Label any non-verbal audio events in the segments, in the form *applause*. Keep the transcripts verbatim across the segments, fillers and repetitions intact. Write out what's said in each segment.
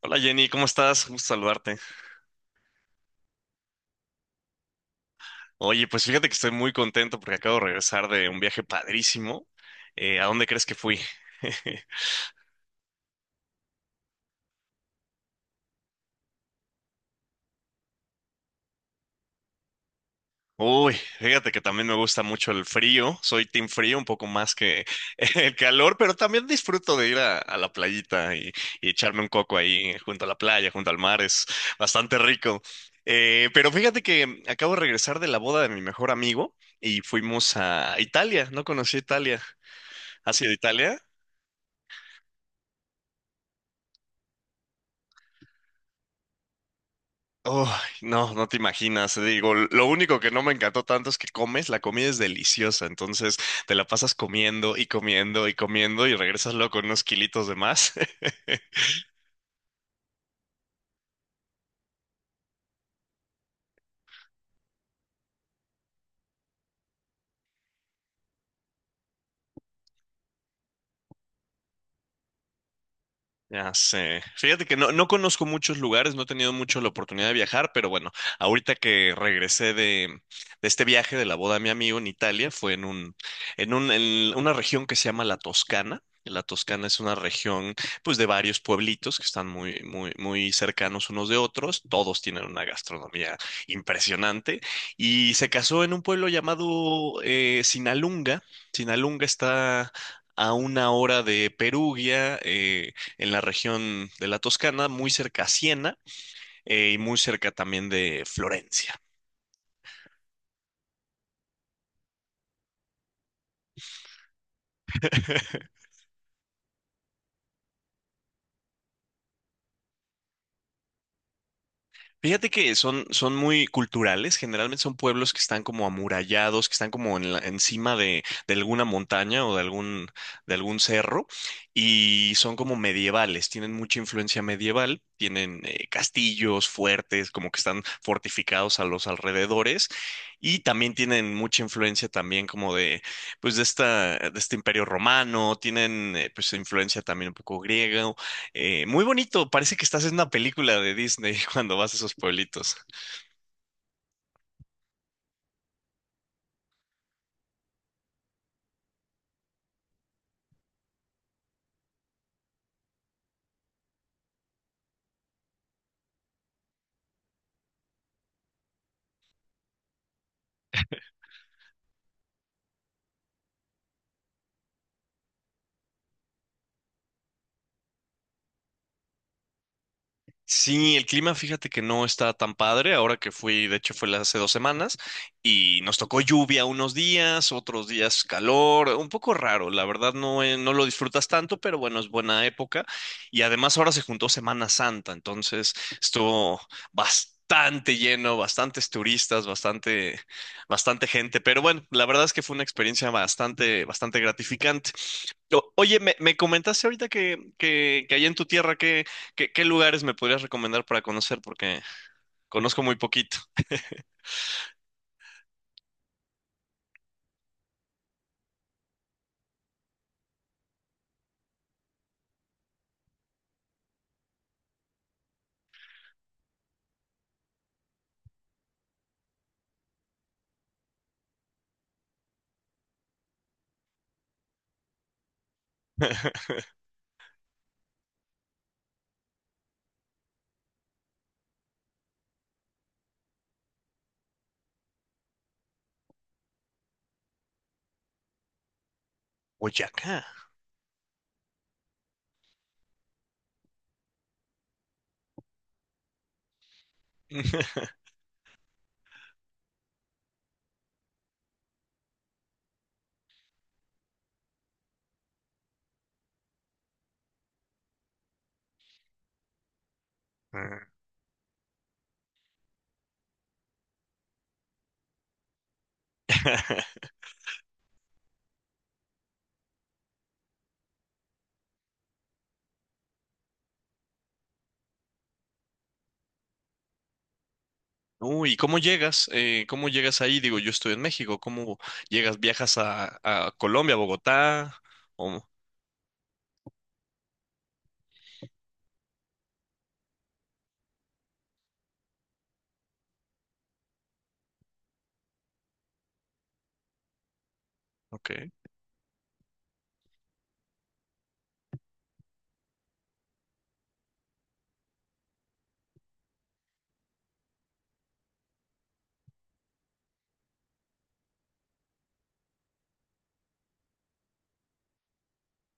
Hola Jenny, ¿cómo estás? Gusto saludarte. Oye, pues fíjate que estoy muy contento porque acabo de regresar de un viaje padrísimo. Eh, ¿a dónde crees que fui? *laughs* Uy, fíjate que también me gusta mucho el frío. Soy team frío un poco más que *laughs* el calor, pero también disfruto de ir a, a la playita y, y echarme un coco ahí junto a la playa, junto al mar. Es bastante rico. Eh, pero fíjate que acabo de regresar de la boda de mi mejor amigo y fuimos a Italia. No conocí Italia. ¿Has ido a Italia? Uy, no, no te imaginas. Digo, lo único que no me encantó tanto es que comes, la comida es deliciosa, entonces te la pasas comiendo y comiendo y comiendo y regresas luego con unos kilitos de más. *laughs* Ya sé. Fíjate que no, no conozco muchos lugares, no he tenido mucho la oportunidad de viajar, pero bueno, ahorita que regresé de, de este viaje de la boda de mi amigo en Italia, fue en un, en un, en una región que se llama la Toscana. La Toscana es una región, pues, de varios pueblitos que están muy, muy, muy cercanos unos de otros. Todos tienen una gastronomía impresionante. Y se casó en un pueblo llamado eh, Sinalunga. Sinalunga está a una hora de Perugia, eh, en la región de la Toscana, muy cerca a Siena eh, y muy cerca también de Florencia. *laughs* Fíjate que son, son muy culturales, generalmente son pueblos que están como amurallados, que están como en la- encima de, de alguna montaña o de algún, de algún cerro, y son como medievales, tienen mucha influencia medieval, tienen eh, castillos fuertes, como que están fortificados a los alrededores, y también tienen mucha influencia también como de, pues de esta, de este imperio romano, tienen eh, pues influencia también un poco griega, eh, muy bonito, parece que estás en una película de Disney *laughs* cuando vas a esos pueblitos. Sí, el clima, fíjate que no está tan padre. Ahora que fui, de hecho, fue la- hace dos semanas y nos tocó lluvia unos días, otros días calor, un poco raro. La verdad, no, eh, no lo disfrutas tanto, pero bueno, es buena época. Y además, ahora se juntó Semana Santa, entonces estuvo bastante lleno, bastantes turistas, bastante, bastante gente. Pero bueno, la verdad es que fue una experiencia bastante, bastante gratificante. O- Oye, me, me comentaste ahorita que, que, que allá en tu tierra, ¿qué, qué, qué lugares me podrías recomendar para conocer? Porque conozco muy poquito. Boyacá. *laughs* Uy, ¿y ¿cómo llegas? Eh, ¿cómo llegas ahí? Digo, yo estoy en México. ¿Cómo llegas? ¿Viajas a, a Colombia, Bogotá? ¿O- ok.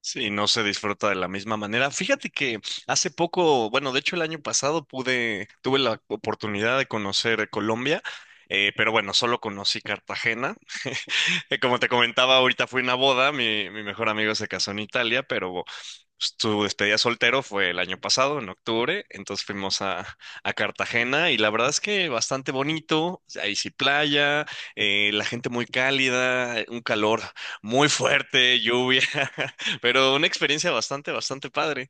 Sí, no se disfruta de la misma manera. Fíjate que hace poco, bueno, de hecho el año pasado pude, tuve la oportunidad de conocer Colombia, eh, pero bueno, solo conocí Cartagena. *laughs* Eh, Como te comentaba, ahorita fui a una boda, mi, mi mejor amigo se casó en Italia, pero tu despedida soltero fue el año pasado, en octubre, entonces fuimos a, a Cartagena y la verdad es que bastante bonito, ahí sí playa, eh, la gente muy cálida, eh, un calor muy fuerte, lluvia, *laughs* pero una experiencia bastante, bastante padre.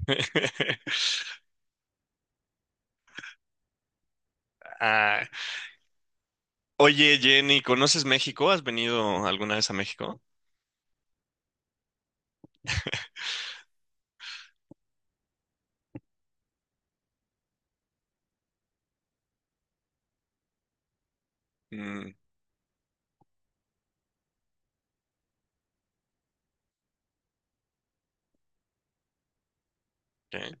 *laughs* Ah, oye, Jenny, ¿conoces México? ¿Has venido alguna vez a México? Mm, ok.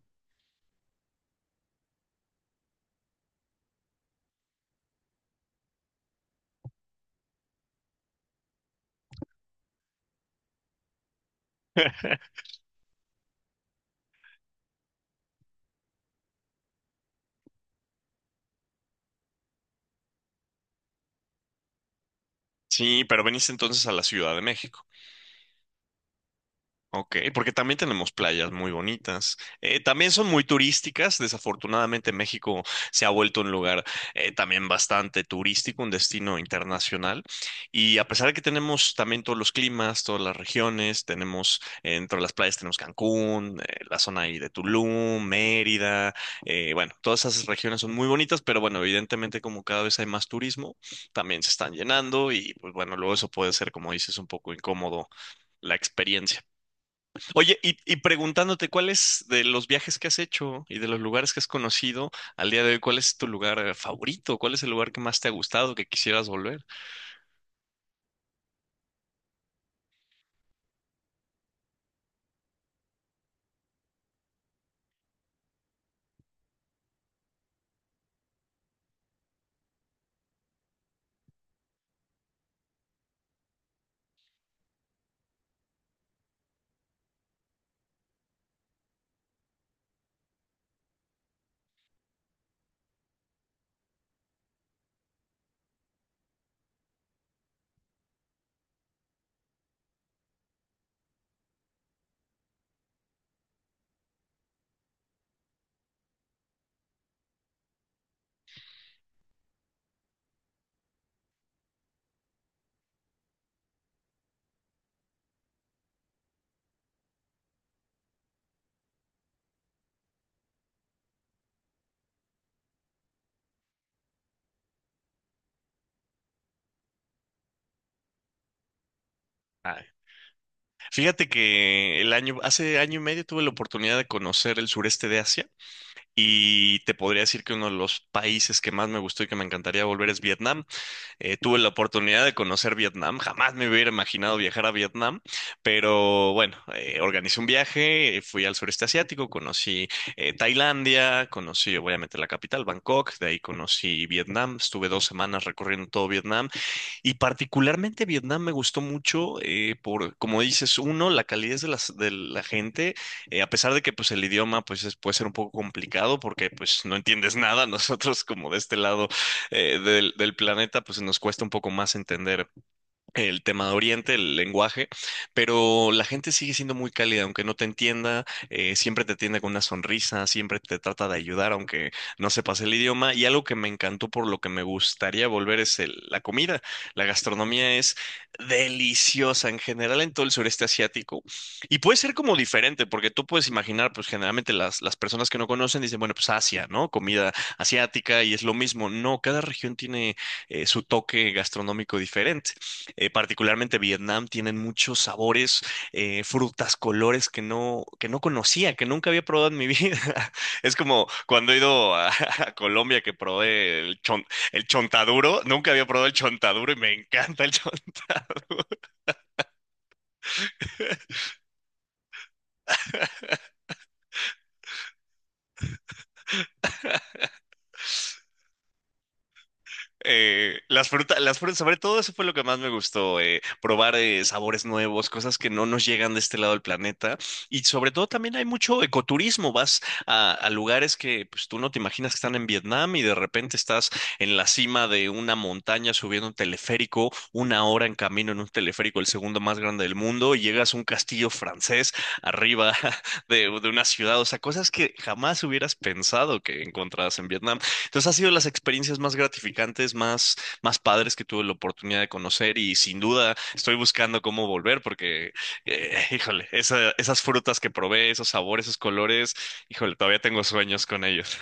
*laughs* Sí, pero veniste entonces a la Ciudad de México. Ok, porque también tenemos playas muy bonitas. Eh, también son muy turísticas. Desafortunadamente, México se ha vuelto un lugar eh, también bastante turístico, un destino internacional. Y a pesar de que tenemos también todos los climas, todas las regiones, tenemos eh, dentro de las playas tenemos Cancún, eh, la zona ahí de Tulum, Mérida. Eh, bueno, todas esas regiones son muy bonitas, pero bueno, evidentemente como cada vez hay más turismo, también se están llenando y pues bueno, luego eso puede ser, como dices, un poco incómodo la experiencia. Oye, y, y preguntándote, cuáles de los viajes que has hecho y de los lugares que has conocido al día de hoy, ¿cuál es tu lugar eh, favorito? ¿Cuál es el lugar que más te ha gustado, que quisieras volver? Ay, fíjate que el año, hace año y medio tuve la oportunidad de conocer el sureste de Asia y te podría decir que uno de los países que más me gustó y que me encantaría volver es Vietnam. Eh, tuve la oportunidad de conocer Vietnam, jamás me hubiera imaginado viajar a Vietnam, pero bueno, eh, organicé un viaje, eh, fui al sureste asiático, conocí eh, Tailandia, conocí obviamente la capital, Bangkok, de ahí conocí Vietnam, estuve dos semanas recorriendo todo Vietnam y particularmente Vietnam me gustó mucho eh, por, como dices, uno, la calidez de, las, de la gente, eh, a pesar de que pues el idioma pues es- puede ser un poco complicado porque pues no entiendes nada, *laughs* nosotros como de este lado eh, del, del planeta pues nos cuesta un poco más entender el tema de Oriente, el lenguaje, pero la gente sigue siendo muy cálida, aunque no te entienda, eh, siempre te atiende con una sonrisa, siempre te trata de ayudar, aunque no sepas el idioma. Y algo que me encantó, por lo que me gustaría volver, es el- la comida. La gastronomía es deliciosa en general en todo el sureste asiático. Y puede ser como diferente, porque tú puedes imaginar, pues generalmente las, las personas que no conocen dicen, bueno, pues Asia, ¿no? Comida asiática y es lo mismo. No, cada región tiene eh, su toque gastronómico diferente. Eh, particularmente Vietnam, tienen muchos sabores, eh, frutas, colores que no, que no conocía, que nunca había probado en mi vida. *laughs* Es como cuando he ido a, a Colombia, que probé el, chon- el chontaduro, nunca había probado el chontaduro y me encanta el *laughs* chontaduro. Eh, las frutas, las frutas, sobre todo eso fue lo que más me gustó, eh, probar eh, sabores nuevos, cosas que no nos llegan de este lado del planeta. Y sobre todo también hay mucho ecoturismo, vas a, a lugares que pues, tú no te imaginas que están en Vietnam y de repente estás en la cima de una montaña subiendo un teleférico, una hora en camino en un teleférico, el segundo más grande del mundo, y llegas a un castillo francés arriba *laughs* de, de una ciudad, o sea, cosas que jamás hubieras pensado que encontraras en Vietnam. Entonces, ha sido las experiencias más gratificantes, más, más padres que tuve la oportunidad de conocer y sin duda estoy buscando cómo volver porque, eh, *laughs* híjole, esa- esas frutas que probé, esos sabores, esos colores, híjole, todavía tengo sueños con ellos.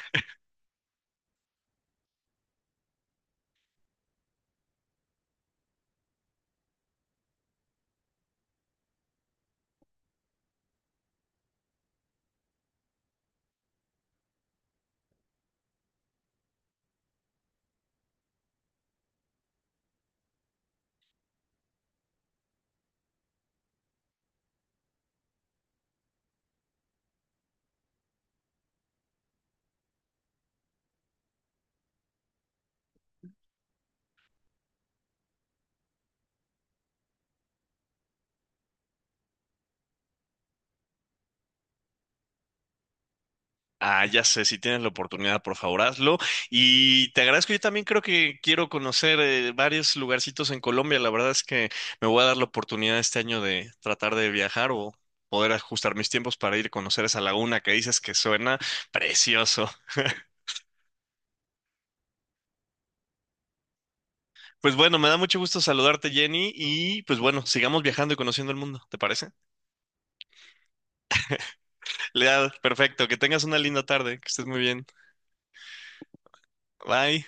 Ah, ya sé, si tienes la oportunidad, por favor, hazlo. Y te agradezco, yo también creo que quiero conocer eh, varios lugarcitos en Colombia. La verdad es que me voy a dar la oportunidad este año de tratar de viajar o poder ajustar mis tiempos para ir a conocer esa laguna que dices que suena precioso. *laughs* Pues bueno, me da mucho gusto saludarte, Jenny, y pues bueno, sigamos viajando y conociendo el mundo, ¿te parece? *laughs* Leal, perfecto, que tengas una linda tarde, que estés muy bien. Bye.